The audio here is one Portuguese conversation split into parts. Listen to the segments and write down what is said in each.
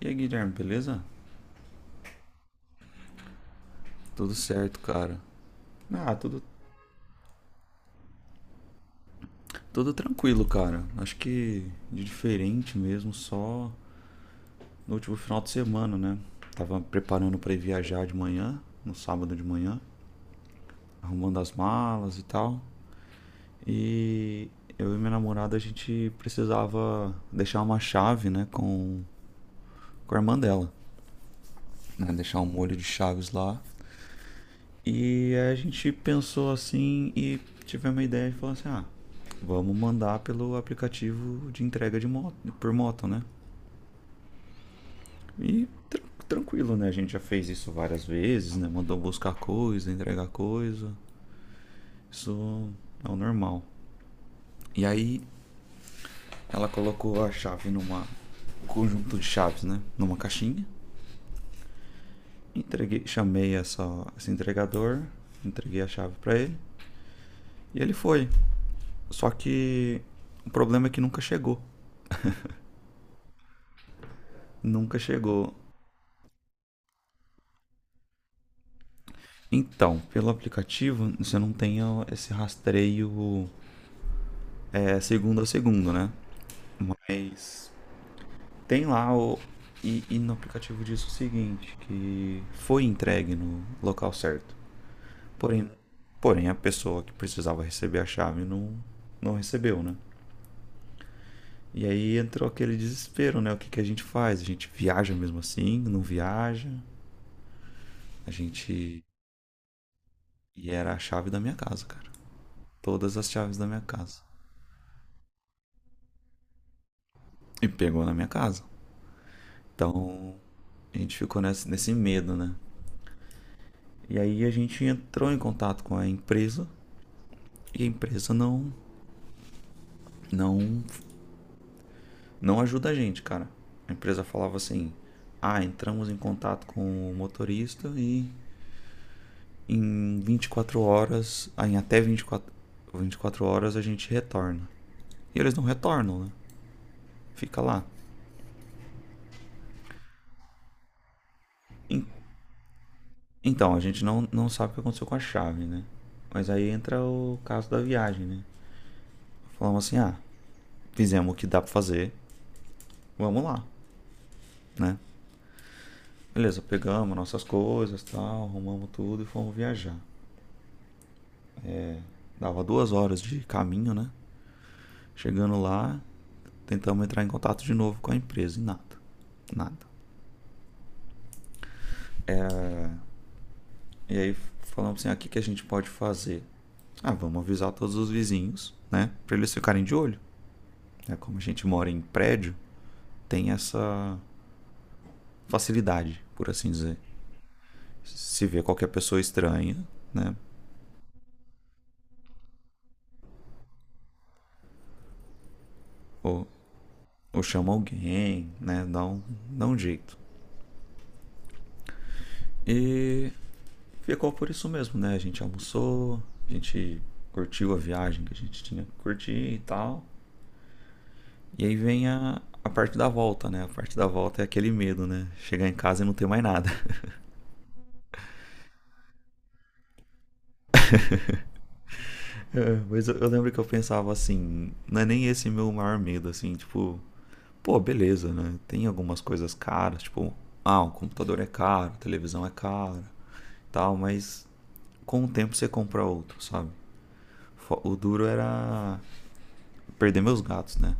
E aí, Guilherme, beleza? Tudo certo, cara. Ah, tudo tranquilo, cara. Acho que de diferente mesmo, só no último final de semana, né? Tava preparando pra ir viajar de manhã, no sábado de manhã, arrumando as malas e tal. E eu e minha namorada, a gente precisava deixar uma chave, né, com a irmã dela. Né? Deixar um molho de chaves lá. E aí a gente pensou assim e tivemos uma ideia de falar assim, ah, vamos mandar pelo aplicativo de entrega de moto, por moto, né? E tranquilo, né? A gente já fez isso várias vezes, né? Mandou buscar coisa, entregar coisa. Isso é o normal. E aí ela colocou a chave numa um conjunto de chaves, né? Numa caixinha. Entreguei, chamei esse entregador, entreguei a chave pra ele e ele foi. Só que o problema é que nunca chegou. Nunca chegou. Então, pelo aplicativo, você não tem esse rastreio segundo a segundo, né? Mas tem lá o. E no aplicativo diz o seguinte, que foi entregue no local certo. Porém, a pessoa que precisava receber a chave não recebeu, né? E aí entrou aquele desespero, né? O que, que a gente faz? A gente viaja mesmo assim? Não viaja? A gente. E era a chave da minha casa, cara. Todas as chaves da minha casa. E pegou na minha casa. Então a gente ficou nesse medo, né? E aí a gente entrou em contato com a empresa e a empresa não, não ajuda a gente, cara. A empresa falava assim: ah, entramos em contato com o motorista e em 24 horas, ah, em até 24 horas a gente retorna. E eles não retornam, né? Fica lá. Então, a gente não sabe o que aconteceu com a chave, né? Mas aí entra o caso da viagem, né? Falamos assim, ah, fizemos o que dá pra fazer, vamos lá, né? Beleza, pegamos nossas coisas, tal, arrumamos tudo e fomos viajar. É, dava 2 horas de caminho, né? Chegando lá, tentamos entrar em contato de novo com a empresa e nada, nada. É, e aí falamos assim, ah, o que, que a gente pode fazer? Ah, vamos avisar todos os vizinhos, né? Pra eles ficarem de olho. É, como a gente mora em prédio, tem essa facilidade, por assim dizer. Se vê qualquer pessoa estranha, né? Ou Ou chama alguém, né? Dá um jeito. E ficou por isso mesmo, né? A gente almoçou, a gente curtiu a viagem que a gente tinha que curtir e tal. E aí vem a parte da volta, né? A parte da volta é aquele medo, né? Chegar em casa e não ter mais nada. Mas eu lembro que eu pensava assim, não é nem esse meu maior medo, assim, tipo, pô, beleza, né? Tem algumas coisas caras, tipo, ah, o computador é caro, a televisão é cara, tal, mas com o tempo você compra outro, sabe? O duro era perder meus gatos, né?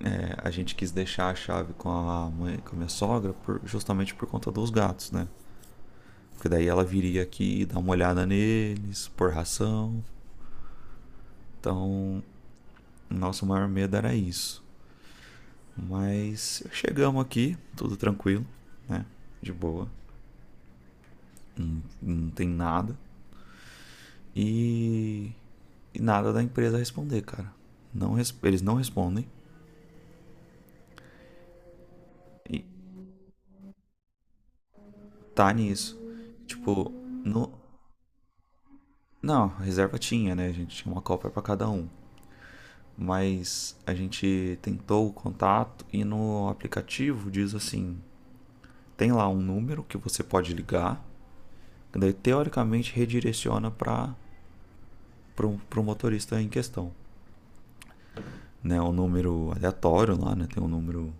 É, a gente quis deixar a chave com a mãe, com a minha sogra, justamente por conta dos gatos, né? Porque daí ela viria aqui, dar uma olhada neles, pôr ração. Então, nosso maior medo era isso. Mas chegamos aqui, tudo tranquilo, né? De boa, não tem nada. E, e nada da empresa responder, cara. Não, eles não respondem. E tá nisso. Tipo, no, não, reserva tinha, né? A gente tinha uma Copa para cada um. Mas a gente tentou o contato e no aplicativo diz assim: tem lá um número que você pode ligar, que daí teoricamente redireciona para o motorista em questão. Né? Um número aleatório lá, né? Tem um número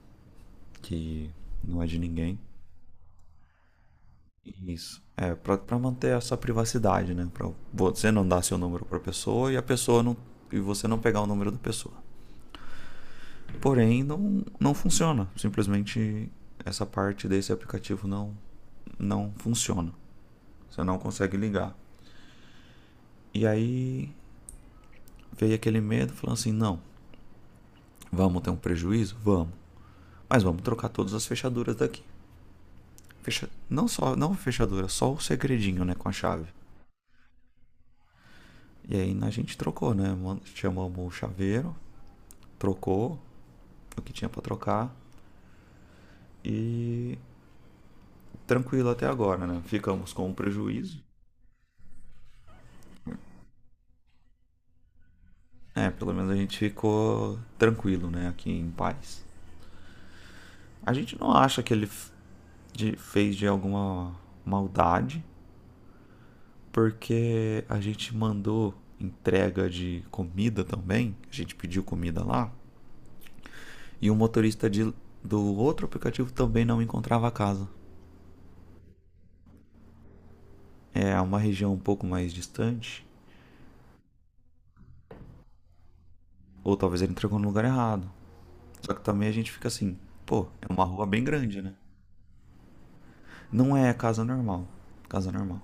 que não é de ninguém. Isso. É, para pra manter essa privacidade, né? Para você não dar seu número pra pessoa e a pessoa não. E você não pegar o número da pessoa. Porém, não funciona. Simplesmente essa parte desse aplicativo não funciona. Você não consegue ligar. E aí veio aquele medo, falando assim: não, vamos ter um prejuízo? Vamos. Mas vamos trocar todas as fechaduras daqui. Não só não a fechadura, só o segredinho né, com a chave. E aí a gente trocou, né? Chamamos o chaveiro, trocou o que tinha para trocar e tranquilo até agora, né? Ficamos com o prejuízo. É, pelo menos a gente ficou tranquilo, né, aqui em paz. A gente não acha que ele fez de alguma maldade, porque a gente mandou entrega de comida também, a gente pediu comida lá, e o motorista do outro aplicativo também não encontrava a casa. É uma região um pouco mais distante, ou talvez ele entregou no lugar errado. Só que também a gente fica assim, pô, é uma rua bem grande, né? Não é casa normal, casa normal.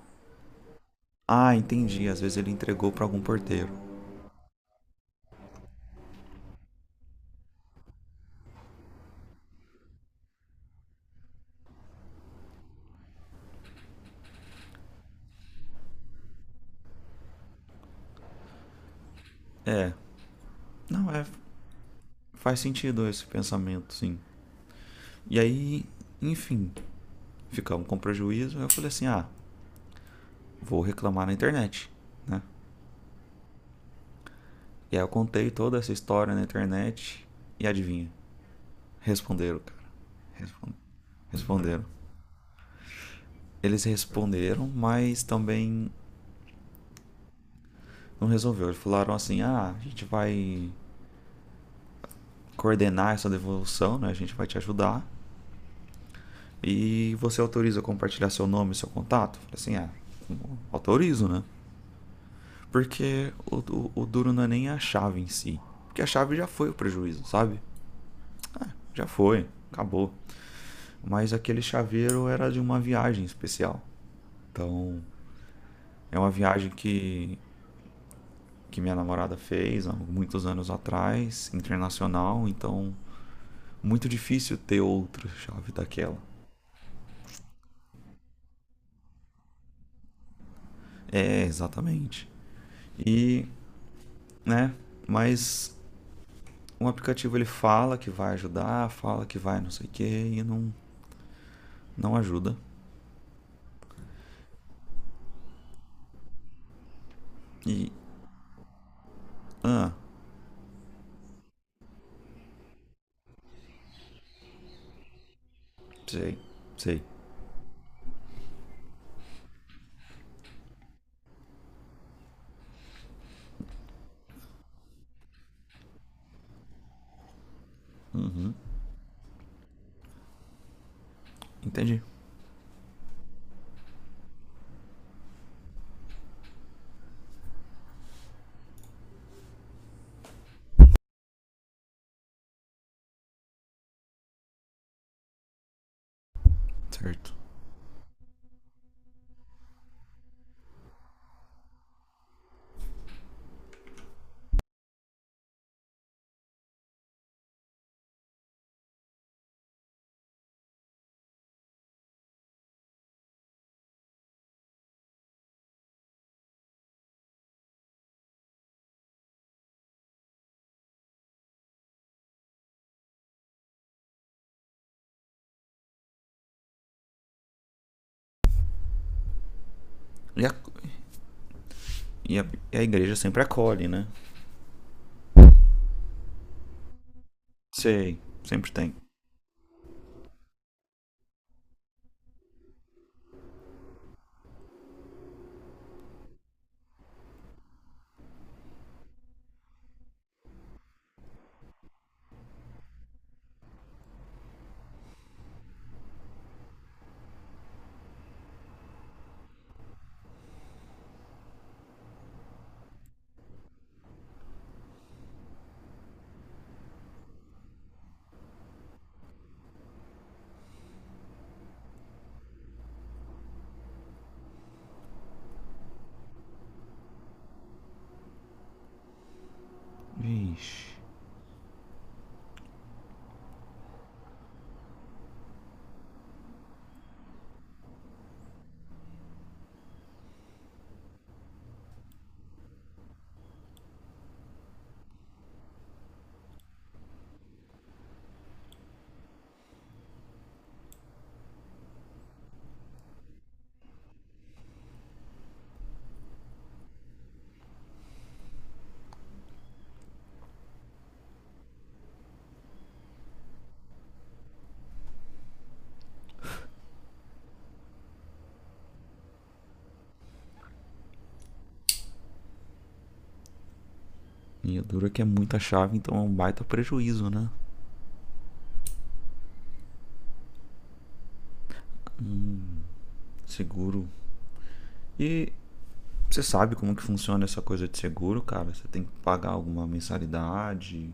Ah, entendi. Às vezes ele entregou pra algum porteiro. É. Não, é. Faz sentido esse pensamento, sim. E aí, enfim, ficamos com prejuízo. Eu falei assim: ah, vou reclamar na internet, né? E aí eu contei toda essa história na internet. E adivinha? Responderam, cara. Respon- Responderam. Eles responderam, mas também não resolveu. Eles falaram assim: ah, a gente vai coordenar essa devolução, né? A gente vai te ajudar. E você autoriza compartilhar seu nome, e seu contato? Assim, ah, autorizo, né? Porque o duro não é nem a chave em si. Porque a chave já foi o prejuízo, sabe? Ah, já foi, acabou. Mas aquele chaveiro era de uma viagem especial. Então, é uma viagem que minha namorada fez há muitos anos atrás, internacional. Então, muito difícil ter outra chave daquela. É, exatamente. E, né? Mas um aplicativo ele fala que vai ajudar, fala que vai não sei o que e não ajuda. E, ah, sei, sei. Entendi. Certo. E a, e a, e a igreja sempre acolhe, né? Sei, sempre tem. Vixe. E a dura que é muita chave, então é um baita prejuízo, né? Seguro. E você sabe como que funciona essa coisa de seguro, cara? Você tem que pagar alguma mensalidade?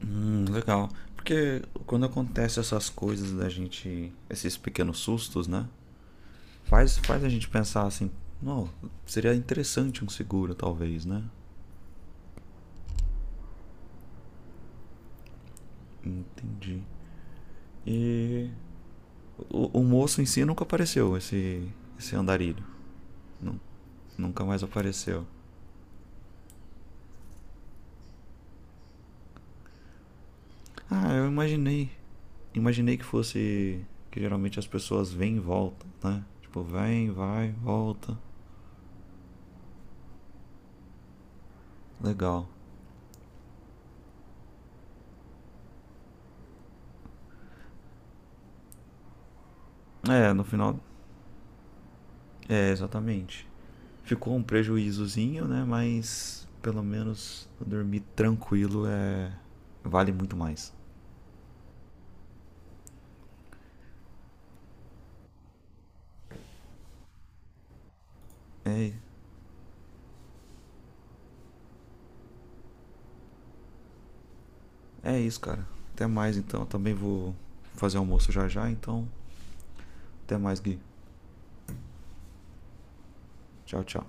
Legal. Porque quando acontece essas coisas da gente, esses pequenos sustos, né? Faz a gente pensar assim, não, seria interessante um seguro, talvez, né? Entendi. E o moço em si nunca apareceu, esse andarilho. Nu- Nunca mais apareceu. Ah, eu imaginei. Imaginei que fosse que geralmente as pessoas vêm e voltam, né? Tipo, vem, vai, volta. Legal. É, no final. É, exatamente. Ficou um prejuízozinho, né? Mas pelo menos dormir tranquilo é vale muito mais. É, é isso, cara. Até mais então. Eu também vou fazer almoço já já, então até mais, Gui. Tchau, tchau.